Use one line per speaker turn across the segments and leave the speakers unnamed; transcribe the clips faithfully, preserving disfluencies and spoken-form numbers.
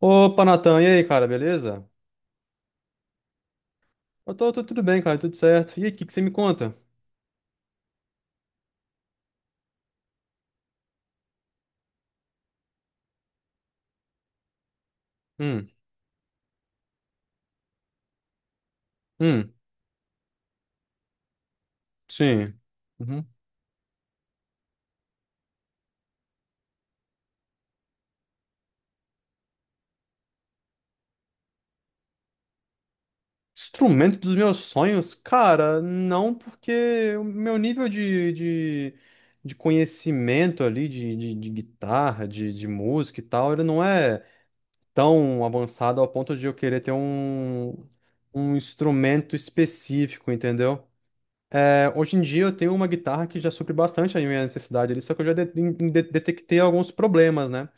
Opa, Natan, e aí, cara, beleza? Eu tô, tô tudo bem, cara, tudo certo. E aí, o que que você me conta? Hum, hum, sim. Uhum. Instrumento dos meus sonhos? Cara, não, porque o meu nível de, de, de conhecimento ali, de, de, de guitarra, de, de música e tal, ele não é tão avançado ao ponto de eu querer ter um, um instrumento específico, entendeu? É, hoje em dia eu tenho uma guitarra que já supre bastante a minha necessidade ali, só que eu já de- de- detectei alguns problemas, né?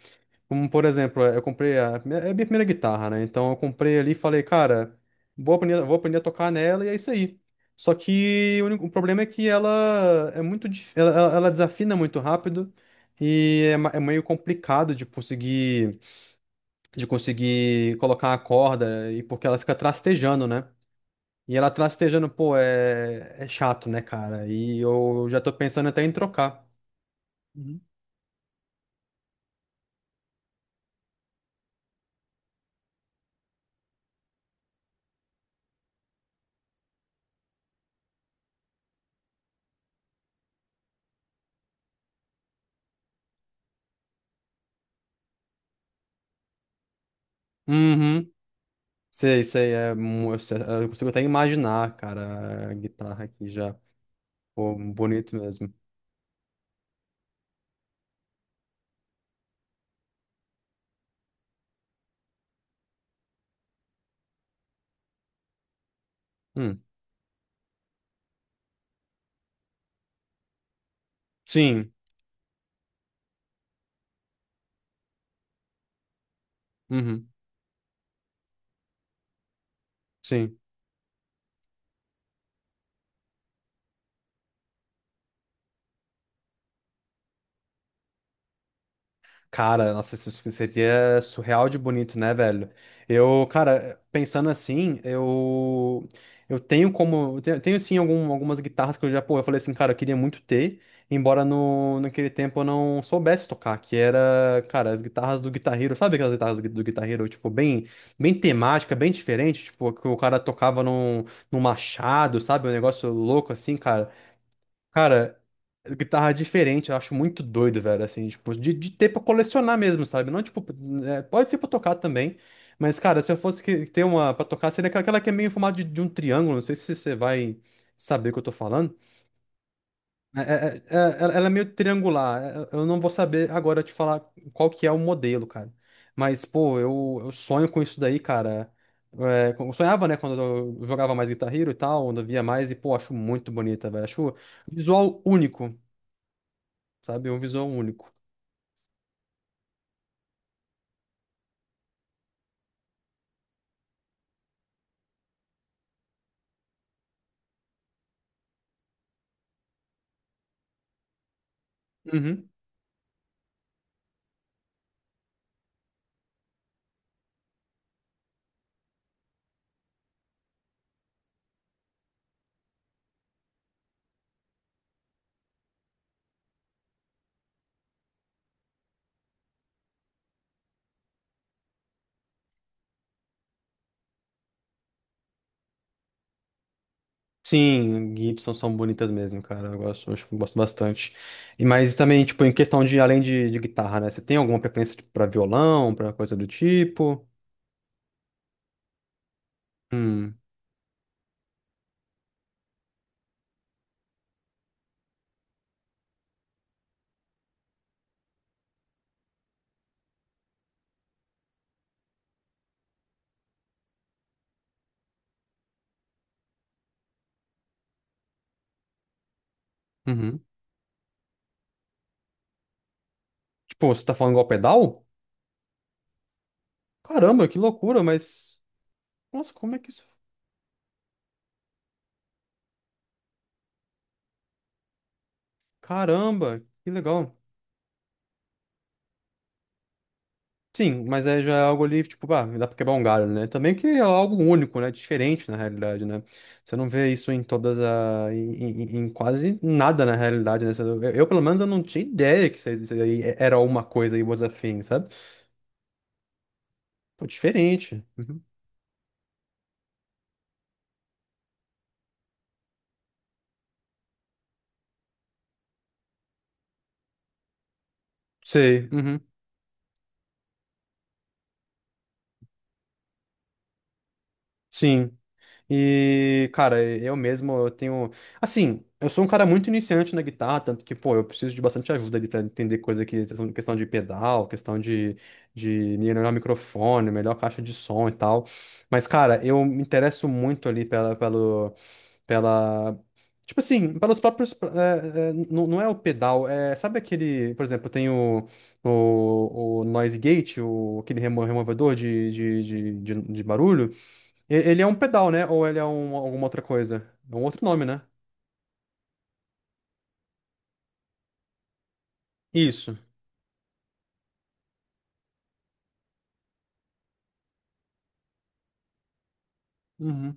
Como, por exemplo, eu comprei a, é a minha primeira guitarra, né? Então eu comprei ali e falei, cara, vou aprender, vou aprender a tocar nela e é isso aí. Só que o único problema é que ela é muito, dif- ela, ela ela desafina muito rápido e é, ma- é meio complicado de conseguir, de conseguir colocar a corda e porque ela fica trastejando, né? E ela trastejando pô, é, é chato, né, cara? E eu já tô pensando até em trocar. Uhum. Uhum. Sei, sei, é, mu- eu sei- eu consigo até imaginar, cara, a guitarra aqui já. Pô, bonito mesmo. Hum. Sim. Uhum. Sim. Cara, nossa, isso seria surreal de bonito, né, velho? Eu, cara, pensando assim, eu eu tenho como, eu tenho, tenho sim algum- algumas guitarras que eu já, pô, eu falei assim, cara, eu queria muito ter, embora no, naquele tempo eu não soubesse tocar, que era, cara, as guitarras do Guitar Hero, sabe aquelas guitarras do do Guitar Hero, tipo, bem bem temática, bem diferente, tipo, que o cara tocava num, num machado, sabe? Um negócio louco assim, cara. Cara, guitarra é diferente, eu acho muito doido, velho, assim, tipo, de, de ter pra colecionar mesmo, sabe? Não, tipo, é, pode ser pra tocar também, mas, cara, se eu fosse que- ter uma pra tocar, seria aquela aquela que é meio em formato de de um triângulo, não sei se você vai saber o que eu tô falando. É- é- é- é- ela ela é meio triangular, é- eu não vou saber agora te falar qual que é o modelo, cara. Mas, pô, eu, eu sonho com isso daí, cara. É, eu sonhava, né, quando eu jogava mais Guitar Hero e tal, quando eu via mais, e, pô, acho muito bonita, velho, acho visual único, sabe? Um visual único. Uhum. Sim, Gibson são bonitas mesmo, cara. Eu gosto, eu acho que eu gosto bastante. E mas também, tipo, em questão de além de, de guitarra, né? Você tem alguma preferência tipo, para violão, pra coisa do tipo? Hum, uhum. Tipo, você tá falando igual pedal? Caramba, que loucura, mas nossa, como é que isso? Caramba, que legal. Sim, mas aí já é algo ali, tipo, ah, dá pra quebrar um galho, né? Também que é algo único, né? Diferente, na realidade, né? Você não vê isso em todas a... em, em- em quase nada, na realidade, né? Você- Eu, eu, pelo menos, eu não tinha ideia que isso aí isso aí era uma coisa e was a thing, sabe? Pô, diferente. Uhum. Sei. Uhum. Sim. E, cara, eu mesmo, eu tenho. Assim, eu sou um cara muito iniciante na guitarra, tanto que, pô, eu preciso de bastante ajuda ali pra entender coisa que. Questão de pedal, questão de, de melhorar o microfone, melhor caixa de som e tal. Mas, cara, eu me interesso muito ali pela, pelo, pela. Tipo assim, pelos próprios. é, é, não, não é o pedal, é. Sabe aquele. Por exemplo, tem o, o, o Noise Gate, o, aquele remo- removedor de, de, de, de de barulho. E- ele é um pedal, né? Ou ele é um, alguma outra coisa? É um outro nome, né? Isso. Uhum.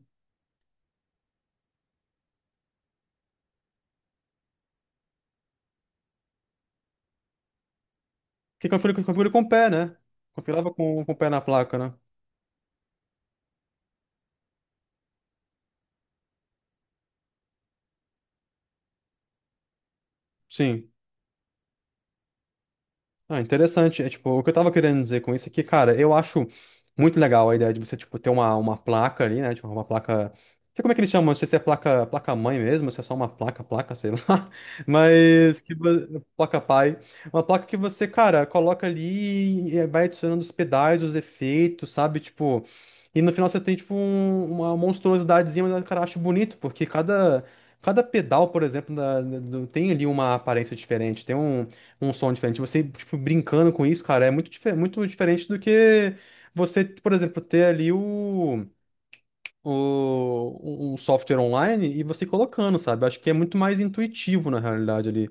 Que configura, configura com o pé, né? Configurava com, com o pé na placa, né? Sim. Ah, interessante. É tipo, o que eu tava querendo dizer com isso é que, cara, eu acho muito legal a ideia de você, tipo, ter uma, uma placa ali, né? Tipo, uma placa. Não sei como é que eles chamam, não sei se é placa, placa mãe mesmo, se é só uma placa, placa, sei lá. Mas que vo- placa pai. Uma placa que você, cara, coloca ali e vai adicionando os pedais, os efeitos, sabe? Tipo. E no final você tem, tipo, um- uma monstruosidadezinha, mas, cara, eu acho bonito, porque cada. Cada pedal, por exemplo, da- da- do- tem ali uma aparência diferente. Tem um, um som diferente. Você, tipo, brincando com isso, cara, é muito, dife- muito diferente do que você, por exemplo, ter ali o, o, um software online e você colocando, sabe? Acho que é muito mais intuitivo, na realidade, ali,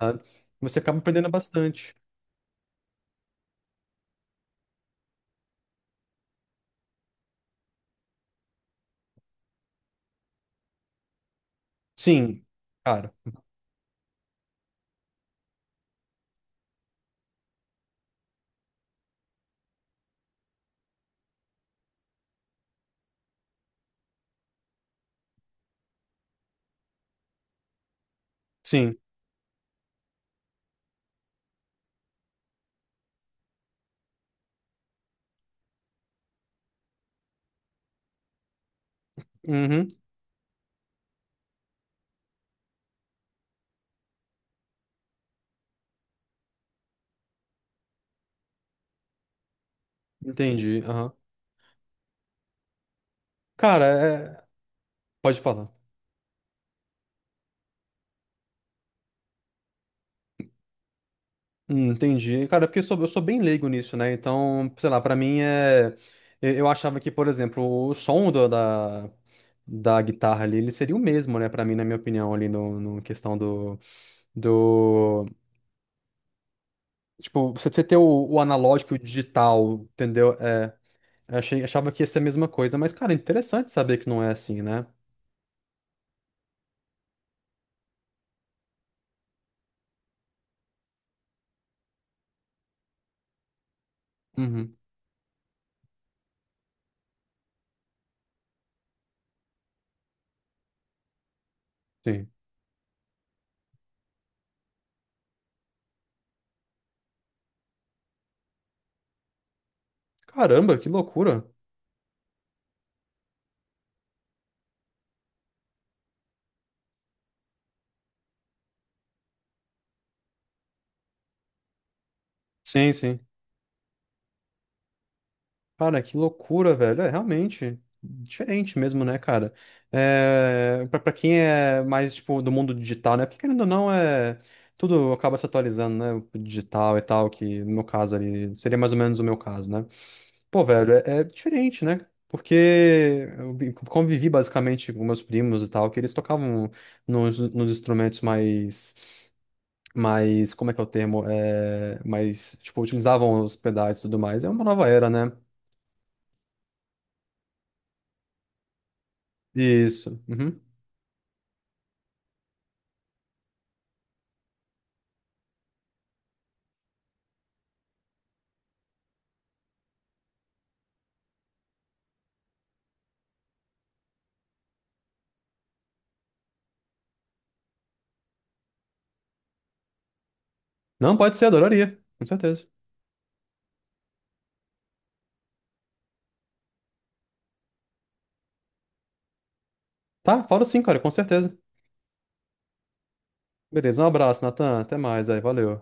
sabe? Você acaba aprendendo bastante. Sim, cara. Sim. Uhum. Entendi. Aham. Cara, é... pode falar. Hum, entendi. Cara, é porque eu sou, eu sou bem leigo nisso, né? Então, sei lá, pra mim é. Eu eu achava que, por exemplo, o som do- da, da guitarra ali, ele seria o mesmo, né? Pra mim, na minha opinião, ali no, no questão do, do. Tipo, você você ter o, o analógico e o digital, entendeu? É, eu achei, achava que ia ser a mesma coisa, mas, cara, é interessante saber que não é assim, né? Uhum, sim. Caramba, que loucura. Sim, sim. Cara, que loucura, velho. É realmente diferente mesmo, né, cara? É, pra, pra quem é mais, tipo, do mundo digital, né? Porque querendo ou não, é, tudo acaba se atualizando, né? O digital e tal, que no meu caso ali seria mais ou menos o meu caso, né? Pô, velho, é, é diferente, né? Porque eu vi- convivi basicamente com meus primos e tal, que eles tocavam nos, nos instrumentos mais. Mais, como é que é o termo? É, mais, tipo, utilizavam os pedais e tudo mais. É uma nova era, né? Isso. Uhum. Não, pode ser, adoraria. Com certeza. Tá, falo sim, cara, com certeza. Beleza, um abraço, Natan. Até mais aí, valeu.